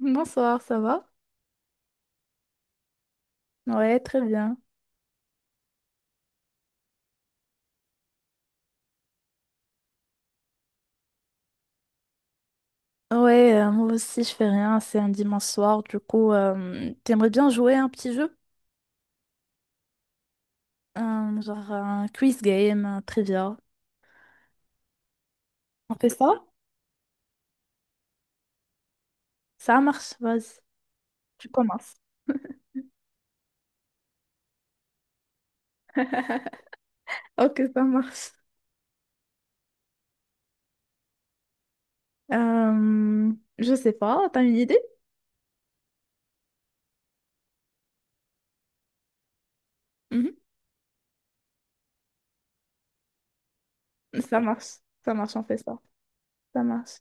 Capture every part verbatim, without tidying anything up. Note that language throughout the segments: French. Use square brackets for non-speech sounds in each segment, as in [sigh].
Bonsoir, ça va? Ouais, très bien. Ouais, euh, moi aussi je fais rien, c'est un dimanche soir, du coup, euh, t'aimerais bien jouer à un petit jeu? Un- genre un quiz game, un trivia. On fait ça? Ça marche, vas-y, tu commences. [laughs] Ok, ça marche. Euh, je sais pas, t'as une idée? Mhm. Ça marche, ça marche, on fait ça. Ça marche.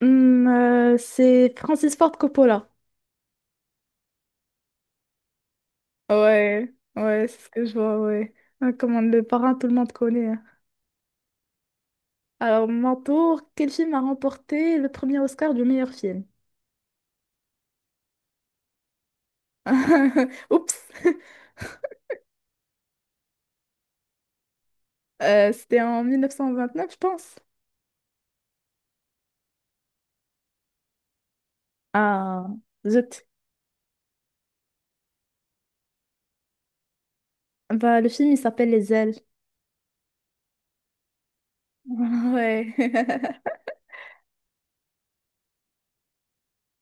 Hum, euh, c'est Francis Ford Coppola. Ouais, ouais, c'est ce que je vois, ouais. Ah, Comme on le parrain, tout le monde connaît. Alors, mon tour, quel film a remporté le premier Oscar du meilleur film? [laughs] Oups! Euh, c'était en mille neuf cent vingt-neuf, je pense. Ah, zut. Bah, le film, il s'appelle Les Ailes. [laughs] Ouais.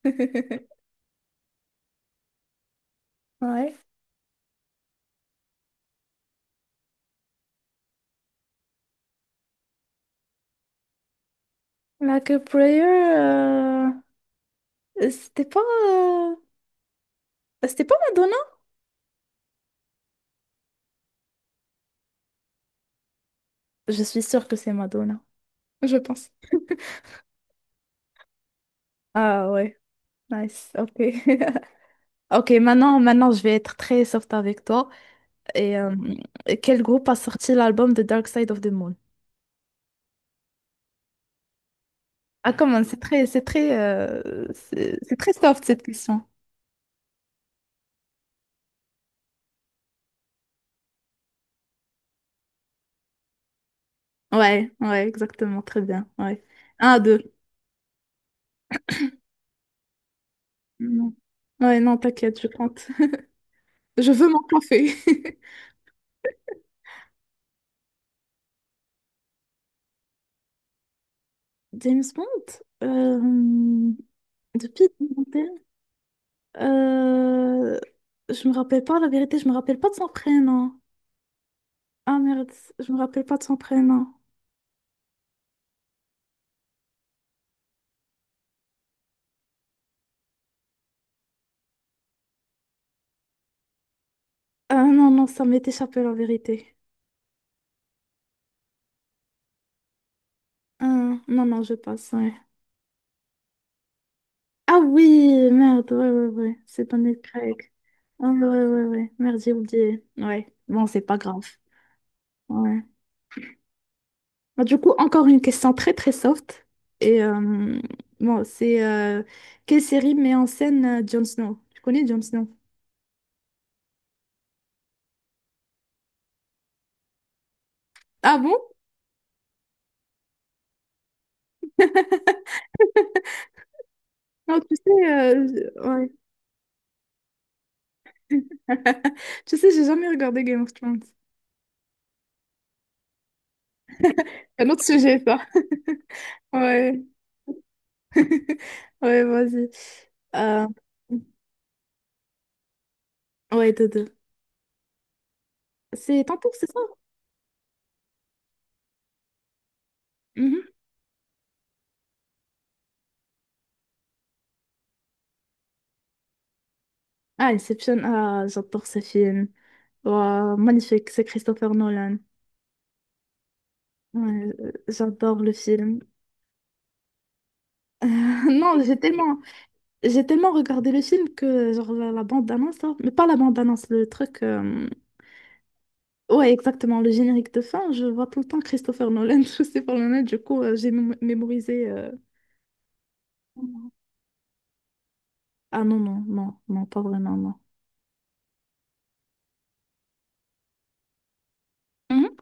[laughs] Ouais. Like a Prayer, euh, c'était pas... euh, C'était pas Madonna? Je suis sûre que c'est Madonna, je pense. Ah ouais, nice, ok. [laughs] Ok, maintenant, maintenant, je vais être très soft avec toi. Et euh, quel groupe a sorti l'album The Dark Side of the Moon? Ah, comment? C'est très, c'est très, euh, c'est c'est très soft cette question. Ouais, ouais, exactement, très bien. Ouais. Un, deux. Non. Ouais, non, t'inquiète, je compte. Je veux mon café. [laughs] James Bond, euh, depuis deux mille vingt et un, euh, je me rappelle pas, la vérité, je me rappelle pas de son prénom. Ah merde, je me rappelle pas de son prénom. Ah non, non, ça m'est échappé, la vérité. Ah, non, non, je passe. ouais. Ah oui, merde, ouais, ouais, ouais, c'est Daniel Craig. Ah ouais, ouais, ouais, ouais. merde, j'ai oublié. Ouais, bon, c'est pas grave. Ouais. Bah, Du coup, encore une question très très soft. Et euh, bon, c'est euh, quelle série met en scène euh, Jon Snow? Tu connais Jon Snow? Ah bon? [laughs] Non, tu sais, euh, je- ouais. [laughs] Tu sais, j'ai jamais regardé Game of Thrones. Un autre sujet, ça. [laughs] Ouais. [laughs] Ouais, vas-y. Euh, ouais, Dodo. C'est Tempour, c'est ça? Mhm. Ah, Inception, ah, j'adore ce film. Waouh, magnifique, c'est Christopher Nolan. Ouais, euh, j'adore le film. [laughs] Non, j'ai tellement, j'ai tellement regardé le film que genre la, la bande-annonce, là, mais pas la bande-annonce, le truc. euh, Ouais, exactement, le générique de fin, je vois tout le temps Christopher Nolan, [laughs] Christopher Nolan, du coup, euh, j'ai mém- mémorisé. euh, Ah non, non, non, non, pas vraiment, non. Mhm,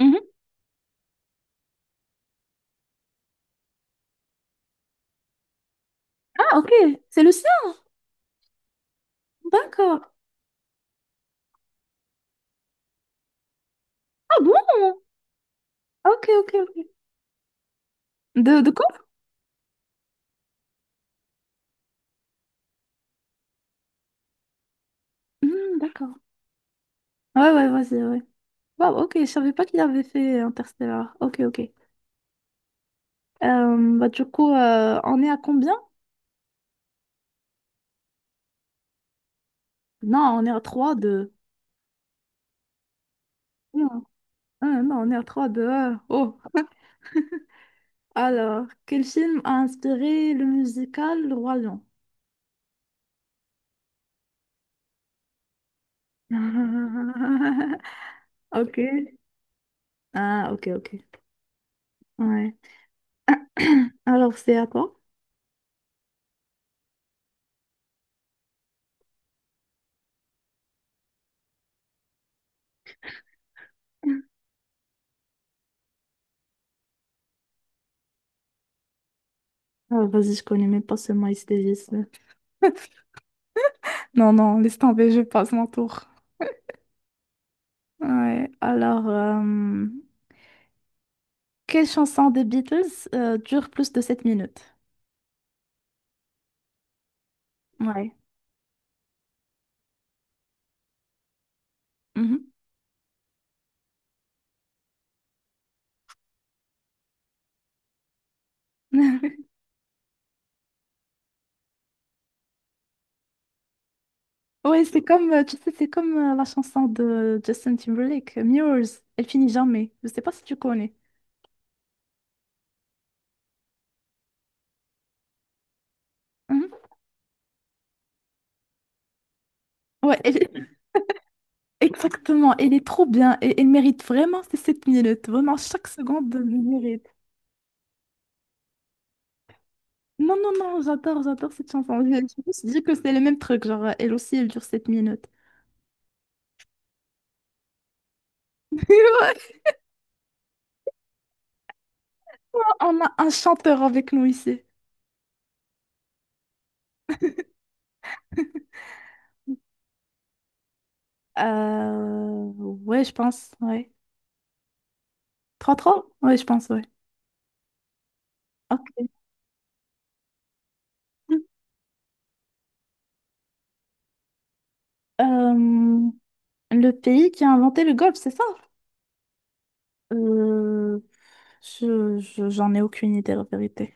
mhm. Ah, ok, c'est le sien, d'accord. Ah bon? Ok, ok, ok. De, de Hmm, d'accord. Ouais, ouais, vas-y, ouais. Wow, ok, je savais pas qu'il avait fait Interstellar. Ok, ok. Euh, bah, du coup, euh, on est à combien? Non, on est à trois deux. Non, ah, non, on est à trois deux. Oh. Alors, quel film a inspiré le musical Le Roi Lion? [laughs] Ok. Ah, ok, ok. Ouais. Alors, c'est à toi? Ah, vas-y, je connais même pas ce Miles Davis. [laughs] Non, non, laisse tomber, je passe mon tour. Ouais, alors, euh, quelle chanson des Beatles euh, dure plus de sept minutes? Ouais. Mhm. [laughs] Ouais, c'est comme, euh, tu sais, c'est comme euh, la chanson de Justin Timberlake, euh, Mirrors. Elle finit jamais. Je sais pas si tu connais. Mhm. Ouais, elle- [laughs] exactement. Elle est trop bien. Et elle mérite vraiment ces sept minutes. Vraiment, chaque seconde elle mérite. Non, non, non, j'adore, j'adore cette chanson. Je je me suis dit que c'est le même truc. Genre, euh, elle aussi, elle dure sept minutes. [laughs] Ouais. On a un chanteur avec nous ici. Euh, ouais, je pense. Ouais. trois trois. Oui, je pense, oui. Ok. Euh, le pays qui a inventé le golf, c'est ça? Euh, je, je- j'en ai aucune idée, la vérité.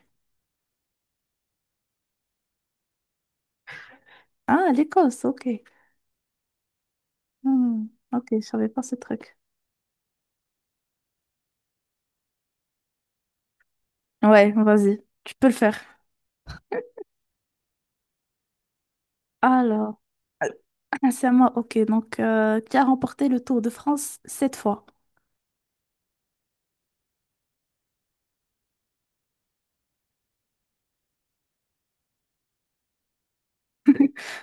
Ah, l'Écosse, ok. Hmm, ok, je savais pas ce truc. Ouais, vas-y, tu peux le faire. Alors, [laughs] ah, c'est à moi, ok. Donc, euh, qui a remporté le Tour de France cette fois? [laughs]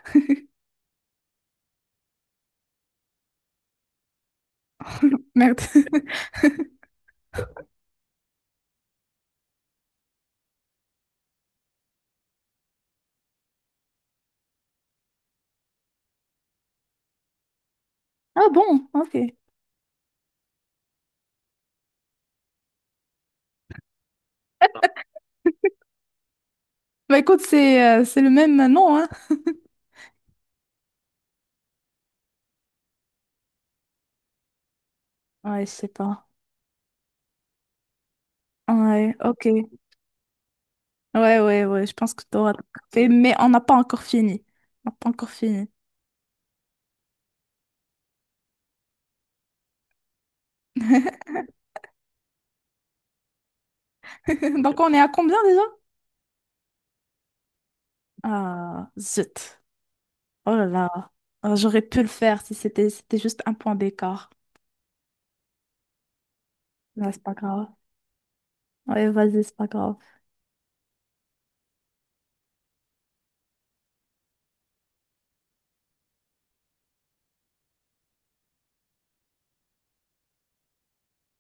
Merde. [laughs] Ah bon, ok. Bah écoute, c'est euh, c'est le même nom, hein? Ouais, je sais pas. Ouais, ok. Ouais, ouais, ouais, je pense que t'auras fait, mais on n'a pas encore fini. On n'a pas encore fini. [laughs] Donc on est à combien déjà? Ah, zut. Oh là là. Ah, j'aurais pu le faire si c'était c'était juste un point d'écart. Là, c'est pas grave. Ouais, vas-y, c'est pas grave.